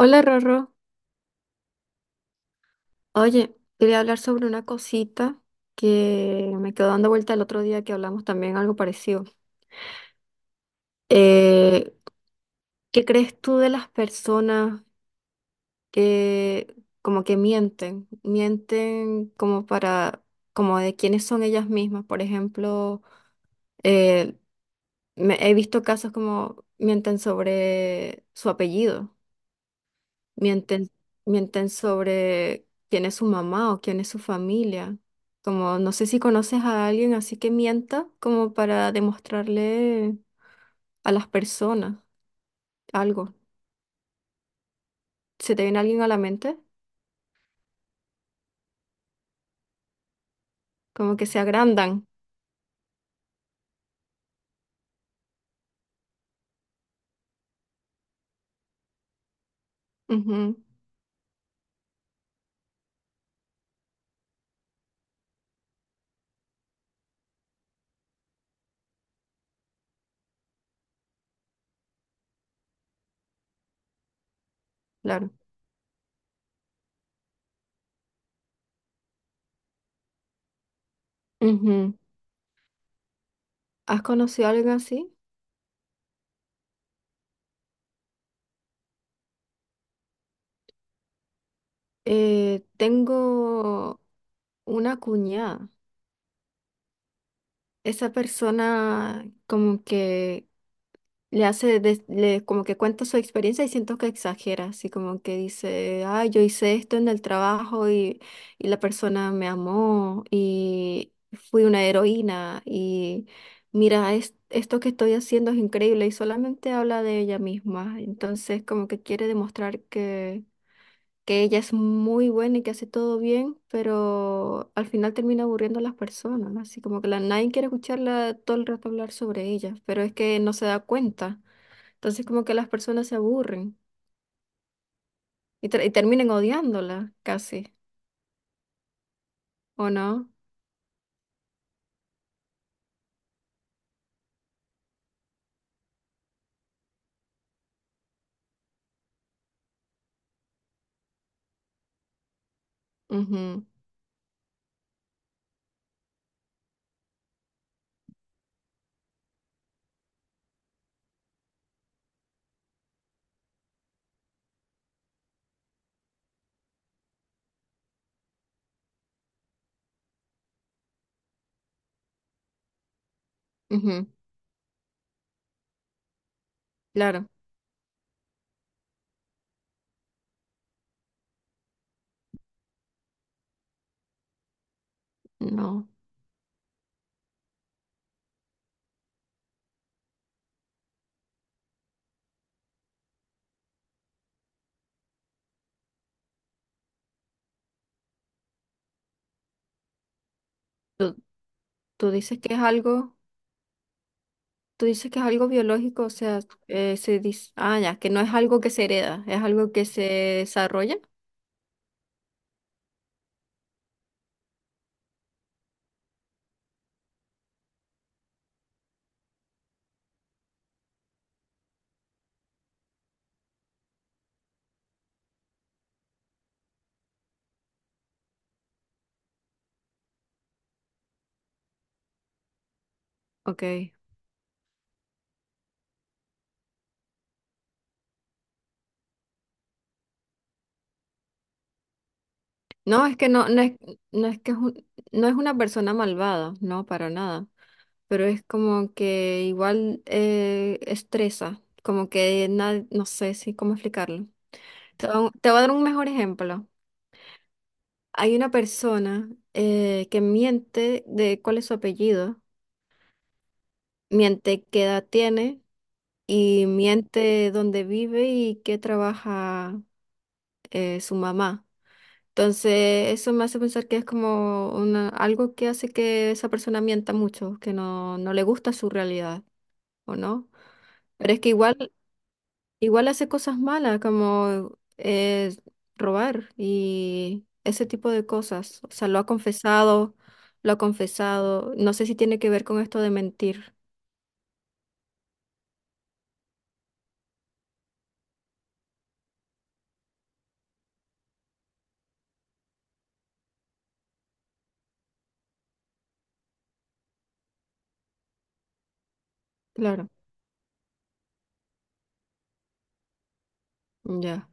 Hola Rorro, oye, quería hablar sobre una cosita que me quedó dando vuelta el otro día que hablamos también algo parecido. Eh, ¿Qué crees tú de las personas que como que mienten? Mienten como para, como de quiénes son ellas mismas. Por ejemplo, eh, he visto casos como mienten sobre su apellido. Mienten, mienten sobre quién es su mamá o quién es su familia. Como no sé si conoces a alguien así que mienta como para demostrarle a las personas algo. ¿Se te viene alguien a la mente? Como que se agrandan. Ujú, claro. Ujú. ¿Has conocido a alguien así? Tengo una cuñada. Esa persona como que le hace, como que cuenta su experiencia y siento que exagera, así como que dice, ay, yo hice esto en el trabajo y la persona me amó y fui una heroína y mira, esto que estoy haciendo es increíble y solamente habla de ella misma, entonces como que quiere demostrar que ella es muy buena y que hace todo bien, pero al final termina aburriendo a las personas, así como que la, nadie quiere escucharla todo el rato hablar sobre ella, pero es que no se da cuenta. Entonces como que las personas se aburren y, y terminan odiándola casi, ¿o no? Ujú, ujú. Claro, no. Tú, tú dices que es algo, tú dices que es algo biológico, o sea, se dice, ah, ya, que no es algo que se hereda, es algo que se desarrolla. Ok. No, es que no, no es, no es que no es una persona malvada, no, para nada. Pero es como que igual estresa, como que no sé si cómo explicarlo. Te voy a dar un mejor ejemplo. Hay una persona que miente de cuál es su apellido, miente qué edad tiene y miente dónde vive y qué trabaja su mamá. Entonces, eso me hace pensar que es como una, algo que hace que esa persona mienta mucho, que no, no le gusta su realidad, ¿o no? Pero es que igual igual hace cosas malas como robar y ese tipo de cosas. O sea, lo ha confesado, lo ha confesado. No sé si tiene que ver con esto de mentir. Claro, ya.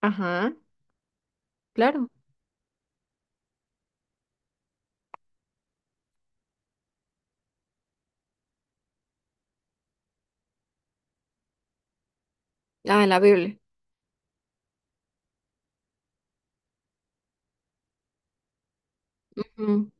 Ajá, claro. Ah, en la Biblia. Ujú.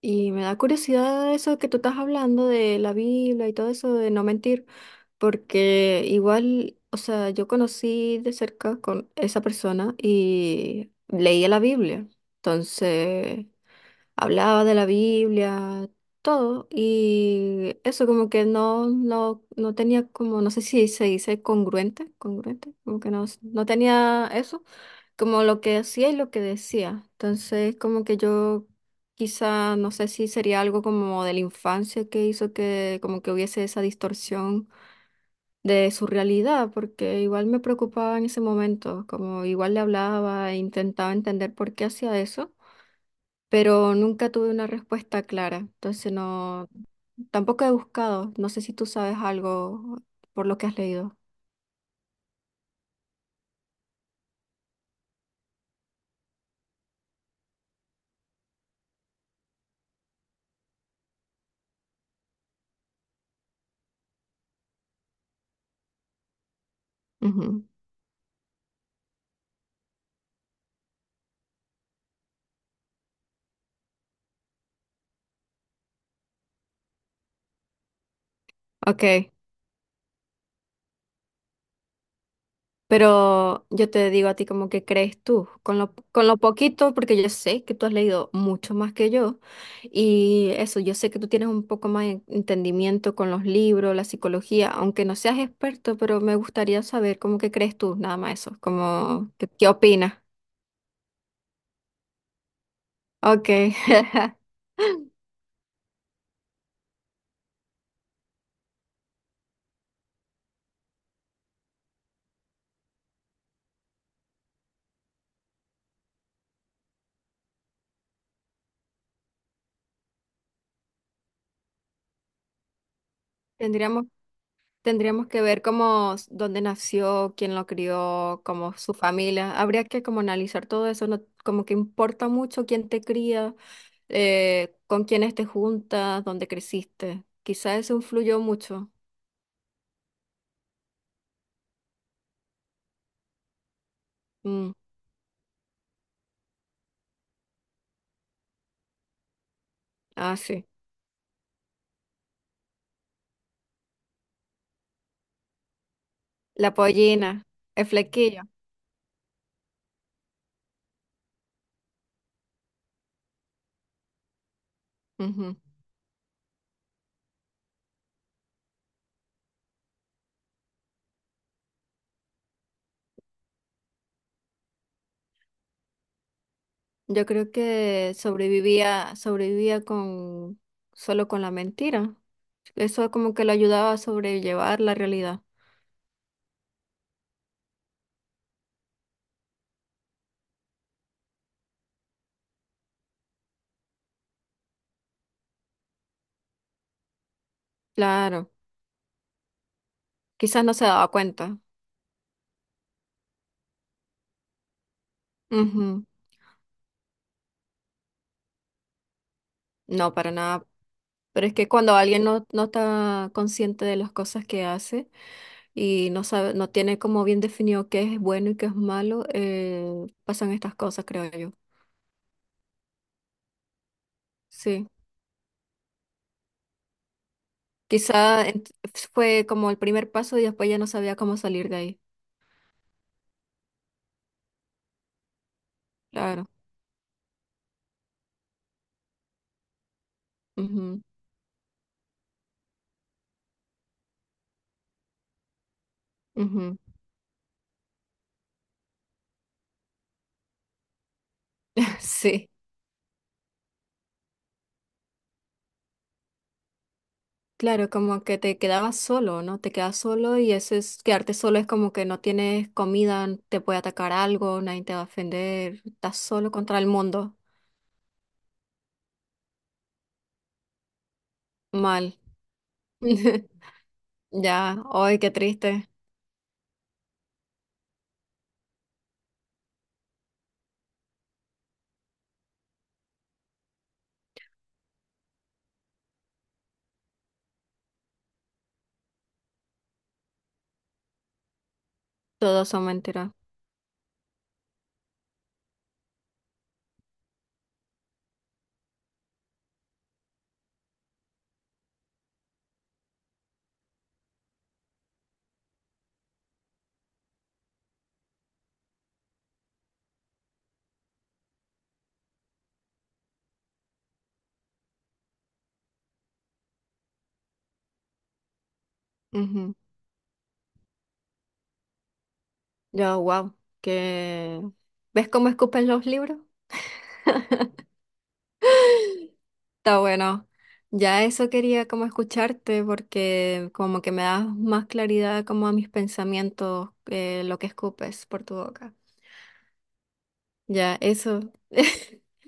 Y me da curiosidad eso que tú estás hablando de la Biblia y todo eso de no mentir, porque igual, o sea, yo conocí de cerca con esa persona y leía la Biblia. Entonces hablaba de la Biblia, todo, y eso como que no, no, no tenía como, no sé si se dice congruente, congruente, como que no, no tenía eso, como lo que hacía y lo que decía. Entonces como que yo quizá, no sé si sería algo como de la infancia que hizo que como que hubiese esa distorsión de su realidad, porque igual me preocupaba en ese momento, como igual le hablaba e intentaba entender por qué hacía eso pero nunca tuve una respuesta clara. Entonces no, tampoco he buscado. No sé si tú sabes algo por lo que has leído. Ujú. Ok, pero yo te digo a ti como que crees tú, con lo poquito, porque yo sé que tú has leído mucho más que yo, y eso, yo sé que tú tienes un poco más de entendimiento con los libros, la psicología, aunque no seas experto, pero me gustaría saber cómo que crees tú, nada más eso, como, ¿qué, qué opinas? Ok, tendríamos tendríamos que ver cómo, dónde nació, quién lo crió, como su familia. Habría que como analizar todo eso, no, como que importa mucho quién te cría, con quiénes te juntas, dónde creciste. Quizás eso influyó mucho. Mm, ah, sí. La pollina, el flequillo. Ujú. Yo creo que sobrevivía, sobrevivía con solo con la mentira. Eso como que lo ayudaba a sobrellevar la realidad. Claro. Quizás no se daba cuenta. Ujú. No, para nada. Pero es que cuando alguien no, no está consciente de las cosas que hace y no sabe, no tiene como bien definido qué es bueno y qué es malo, pasan estas cosas, creo yo. Sí. Quizá ent- fue como el primer paso y después ya no sabía cómo salir de ahí. Claro. Ujú, ujú. Sí. Claro, como que te quedabas solo, ¿no? Te quedas solo y eso es, quedarte solo es como que no tienes comida, te puede atacar algo, nadie te va a ofender, estás solo contra el mundo. Mal. Ya, hoy qué triste. Todos son mentiras. Ujú. Yo, wow, que ¿ves cómo escupen los libros? Está bueno. Ya eso quería como escucharte porque como que me das más claridad como a mis pensamientos lo que escupes por tu boca. Ya, eso.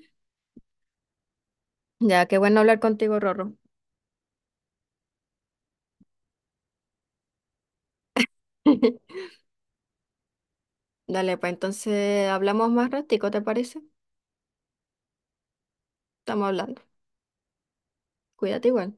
Ya, qué bueno hablar contigo, Rorro. Dale, pues entonces hablamos más ratico, ¿te parece? Estamos hablando. Cuídate igual.